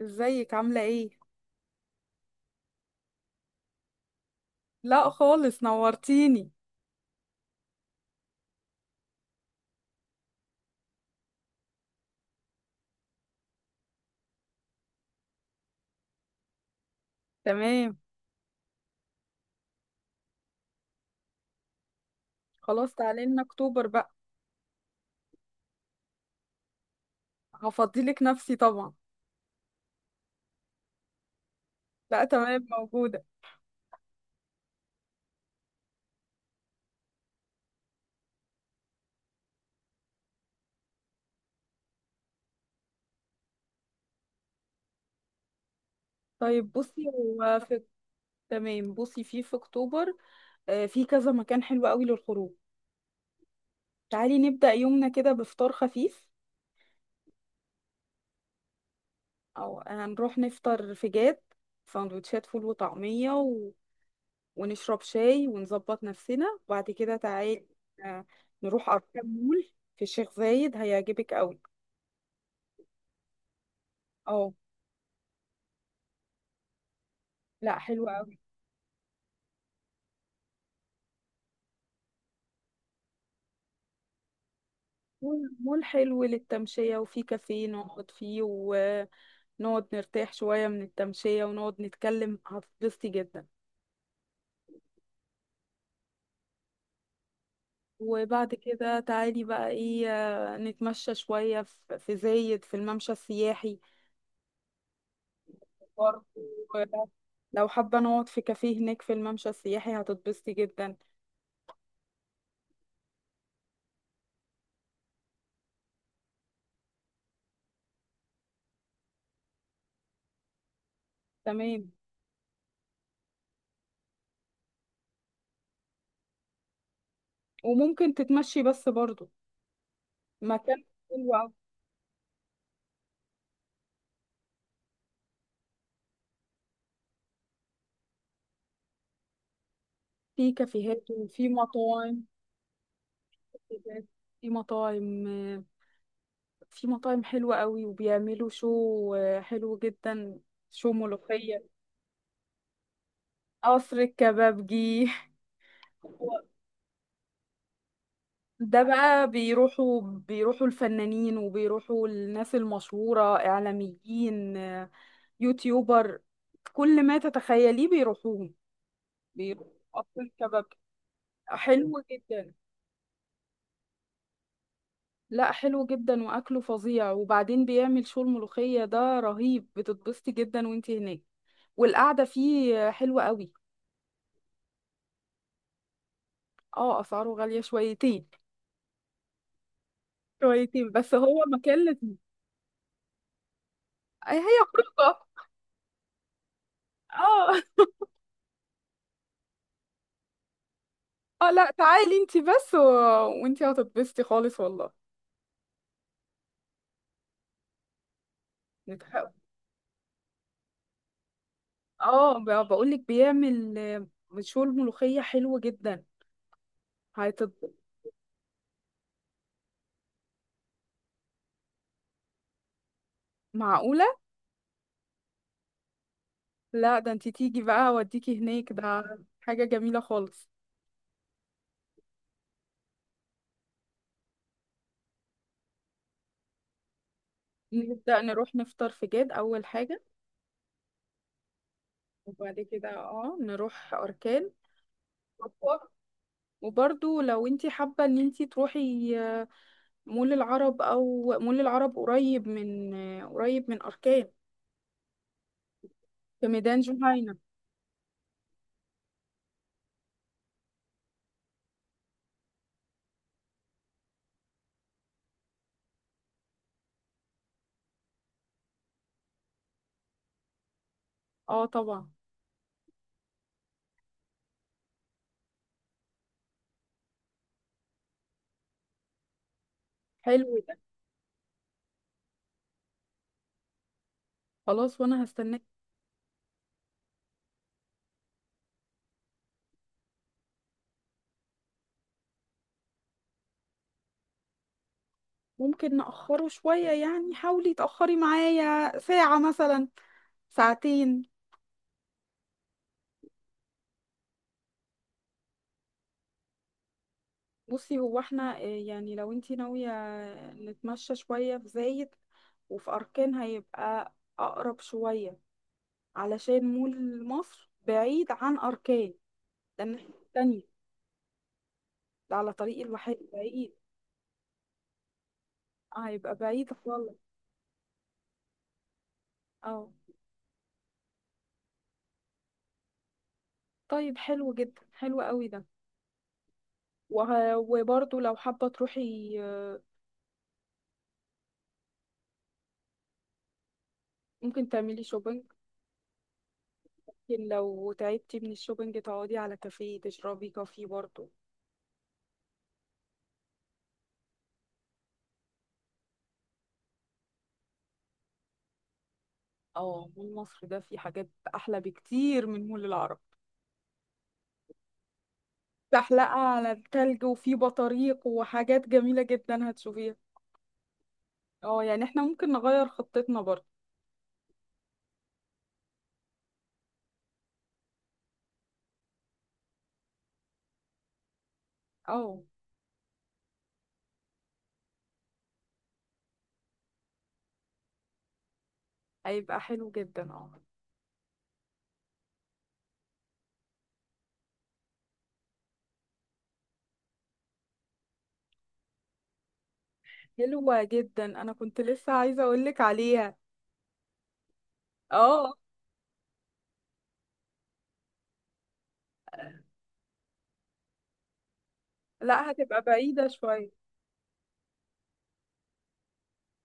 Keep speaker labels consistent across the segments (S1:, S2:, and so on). S1: ازيك عاملة ايه؟ لا خالص نورتيني. تمام. خلاص تعالي لنا اكتوبر بقى. هفضيلك نفسي طبعا. لا تمام موجودة. طيب بصي هو في. تمام. بصي في اكتوبر. في كذا مكان حلو قوي للخروج. تعالي نبدأ يومنا كده بفطار خفيف. او هنروح نفطر في جاد، سندوتشات فول وطعمية ونشرب شاي ونظبط نفسنا. وبعد كده تعالي، آه، نروح أركان مول في الشيخ زايد، هيعجبك قوي. اه. لا حلو قوي. مول مول حلو للتمشية، وفي كافيه نقعد فيه ونقعد نرتاح شوية من التمشية ونقعد نتكلم، هتتبسطي جدا. وبعد كده تعالي بقى ايه، نتمشى شوية في زايد في الممشى السياحي. برضه لو حابة نقعد في كافيه هناك في الممشى السياحي، هتتبسطي جدا. تمام. وممكن تتمشي بس برضه. مكان حلو أوي. فيه كافيهات وفي مطاعم. في مطاعم. في مطاعم حلوة قوي وبيعملوا شو، حلو جدا. شو ملوخية. قصر الكبابجي ده بقى بيروحوا الفنانين وبيروحوا الناس المشهورة إعلاميين، يوتيوبر، كل ما تتخيليه بيروحوه. بيروحوا قصر الكبابجي، حلو جدا. لا حلو جدا وأكله فظيع، وبعدين بيعمل شو الملوخية ده رهيب، بتتبسطي جدا وانتي هناك. والقعدة فيه حلوة قوي. اه أسعاره غالية شويتين. شويتين بس هو مكان لذيذ. أي هي خروجه. اه. اه لا تعالي انتي بس وانتي هتتبسطي خالص والله. نتحق. اه بقولك بيعمل، مشوي الملوخية حلو جدا. هتت... معقولة؟ لا ده انتي تيجي بقى اوديكي هناك، ده حاجة جميلة خالص. نبدأ نروح نفطر في جاد أول حاجة. وبعد كده اه نروح أركان. وبرضو لو انتي حابة ان انتي تروحي مول العرب، او مول العرب قريب من اركان، في ميدان جهينة. اه طبعا. حلو ده. خلاص وانا هستناك. ممكن نأخره شوية، يعني حاولي تأخري معايا ساعة مثلا، ساعتين. بصي هو احنا، يعني لو انتي ناوية نتمشى شوية في زايد وفي أركان، هيبقى أقرب شوية، علشان مول مصر بعيد عن أركان، ده الناحية التانية، ده على طريق الواحات بعيد. هيبقى بعيد خالص. اه. طيب حلو جدا، حلو قوي ده. وبرضه لو حابة تروحي، ممكن تعملي شوبينج. ممكن لو تعبتي من الشوبينج تقعدي على كافيه تشربي كافي برضه. اه مول مصر ده فيه حاجات أحلى بكتير من مول العرب. زحلقة على التلج، وفيه بطاريق وحاجات جميلة جدا هتشوفيها. اه يعني احنا ممكن نغير خطتنا برضه. اه هيبقى حلو جدا. اه حلوة جدا، انا كنت لسه عايزة اقولك عليها. اه. لا هتبقى بعيدة شوية.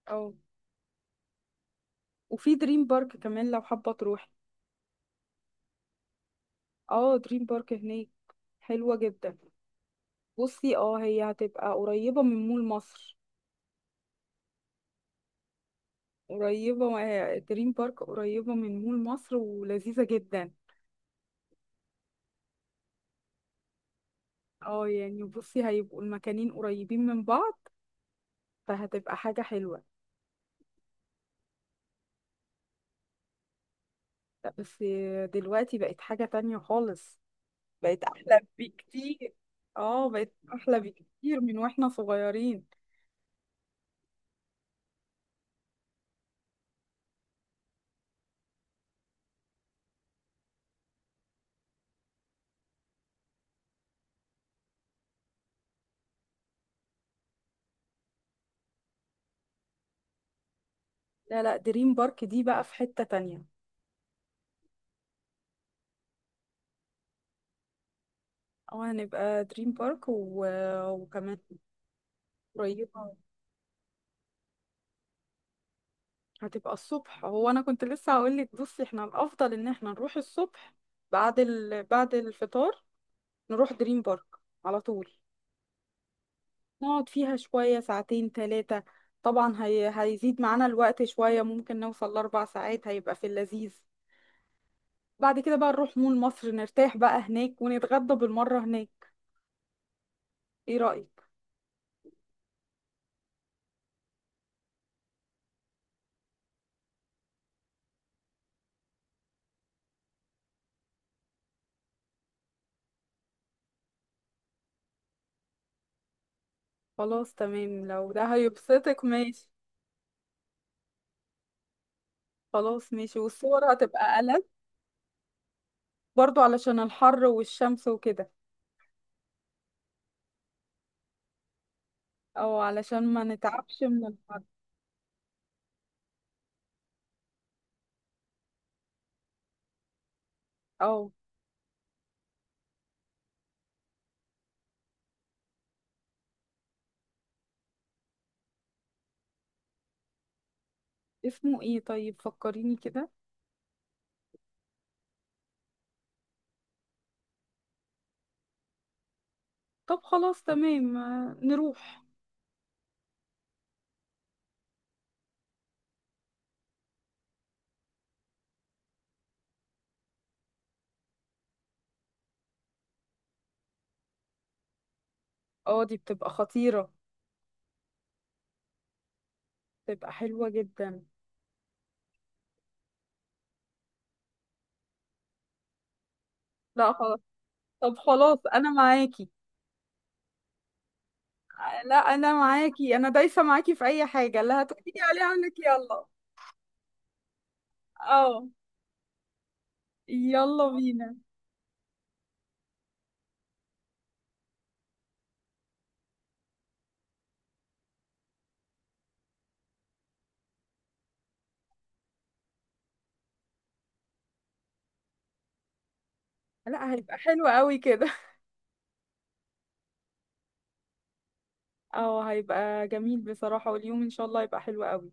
S1: اه وفي دريم بارك كمان لو حابة تروحي. اه دريم بارك هناك، حلوة جدا. بصي اه هي هتبقى قريبة من مول مصر. قريبة، دريم بارك قريبة من مول مصر ولذيذة جدا. اه يعني بصي هيبقوا المكانين قريبين من بعض، فهتبقى حاجة حلوة. لا، بس دلوقتي بقت حاجة تانية خالص، بقت أحلى بكتير. اه بقت أحلى بكتير من واحنا صغيرين. لا لا، دريم بارك دي بقى في حتة تانية. او هنبقى دريم بارك وكمان قريبة. هتبقى الصبح، هو انا كنت لسه هقول لك بصي احنا الافضل ان احنا نروح الصبح. بعد الفطار نروح دريم بارك على طول. نقعد فيها شوية ساعتين 3، طبعا هيزيد معانا الوقت شوية ممكن نوصل لأربع ساعات، هيبقى في اللذيذ. بعد كده بقى نروح مول مصر نرتاح بقى هناك ونتغدى بالمرة هناك. ايه رأيك؟ خلاص تمام لو ده هيبسطك ماشي. خلاص ماشي والصور هتبقى برضو علشان الحر والشمس وكده. او علشان ما نتعبش من الحر. او اسمه ايه طيب فكريني كده. طب خلاص تمام، نروح. اه دي بتبقى خطيرة. بتبقى حلوة جدا. لا خلاص. طب خلاص انا معاكي، لا انا معاكي، انا دايسة معاكي في اي حاجة، اللي هتقولي عليها اقول لك يلا. اه يلا بينا. لا هيبقى حلو قوي كده. اه هيبقى جميل بصراحة، واليوم ان شاء الله هيبقى حلو قوي.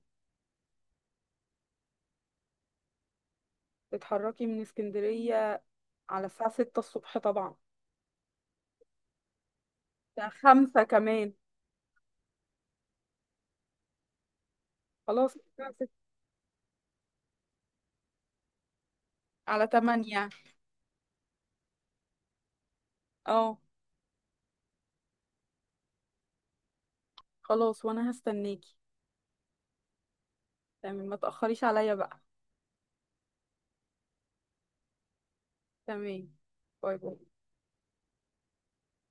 S1: تتحركي من اسكندرية على الساعة 6 الصبح طبعا. الساعة 5 كمان. خلاص الساعة 6. على 8. اه خلاص وانا هستناكي. تمام ما تأخريش عليا بقى. تمام، باي باي.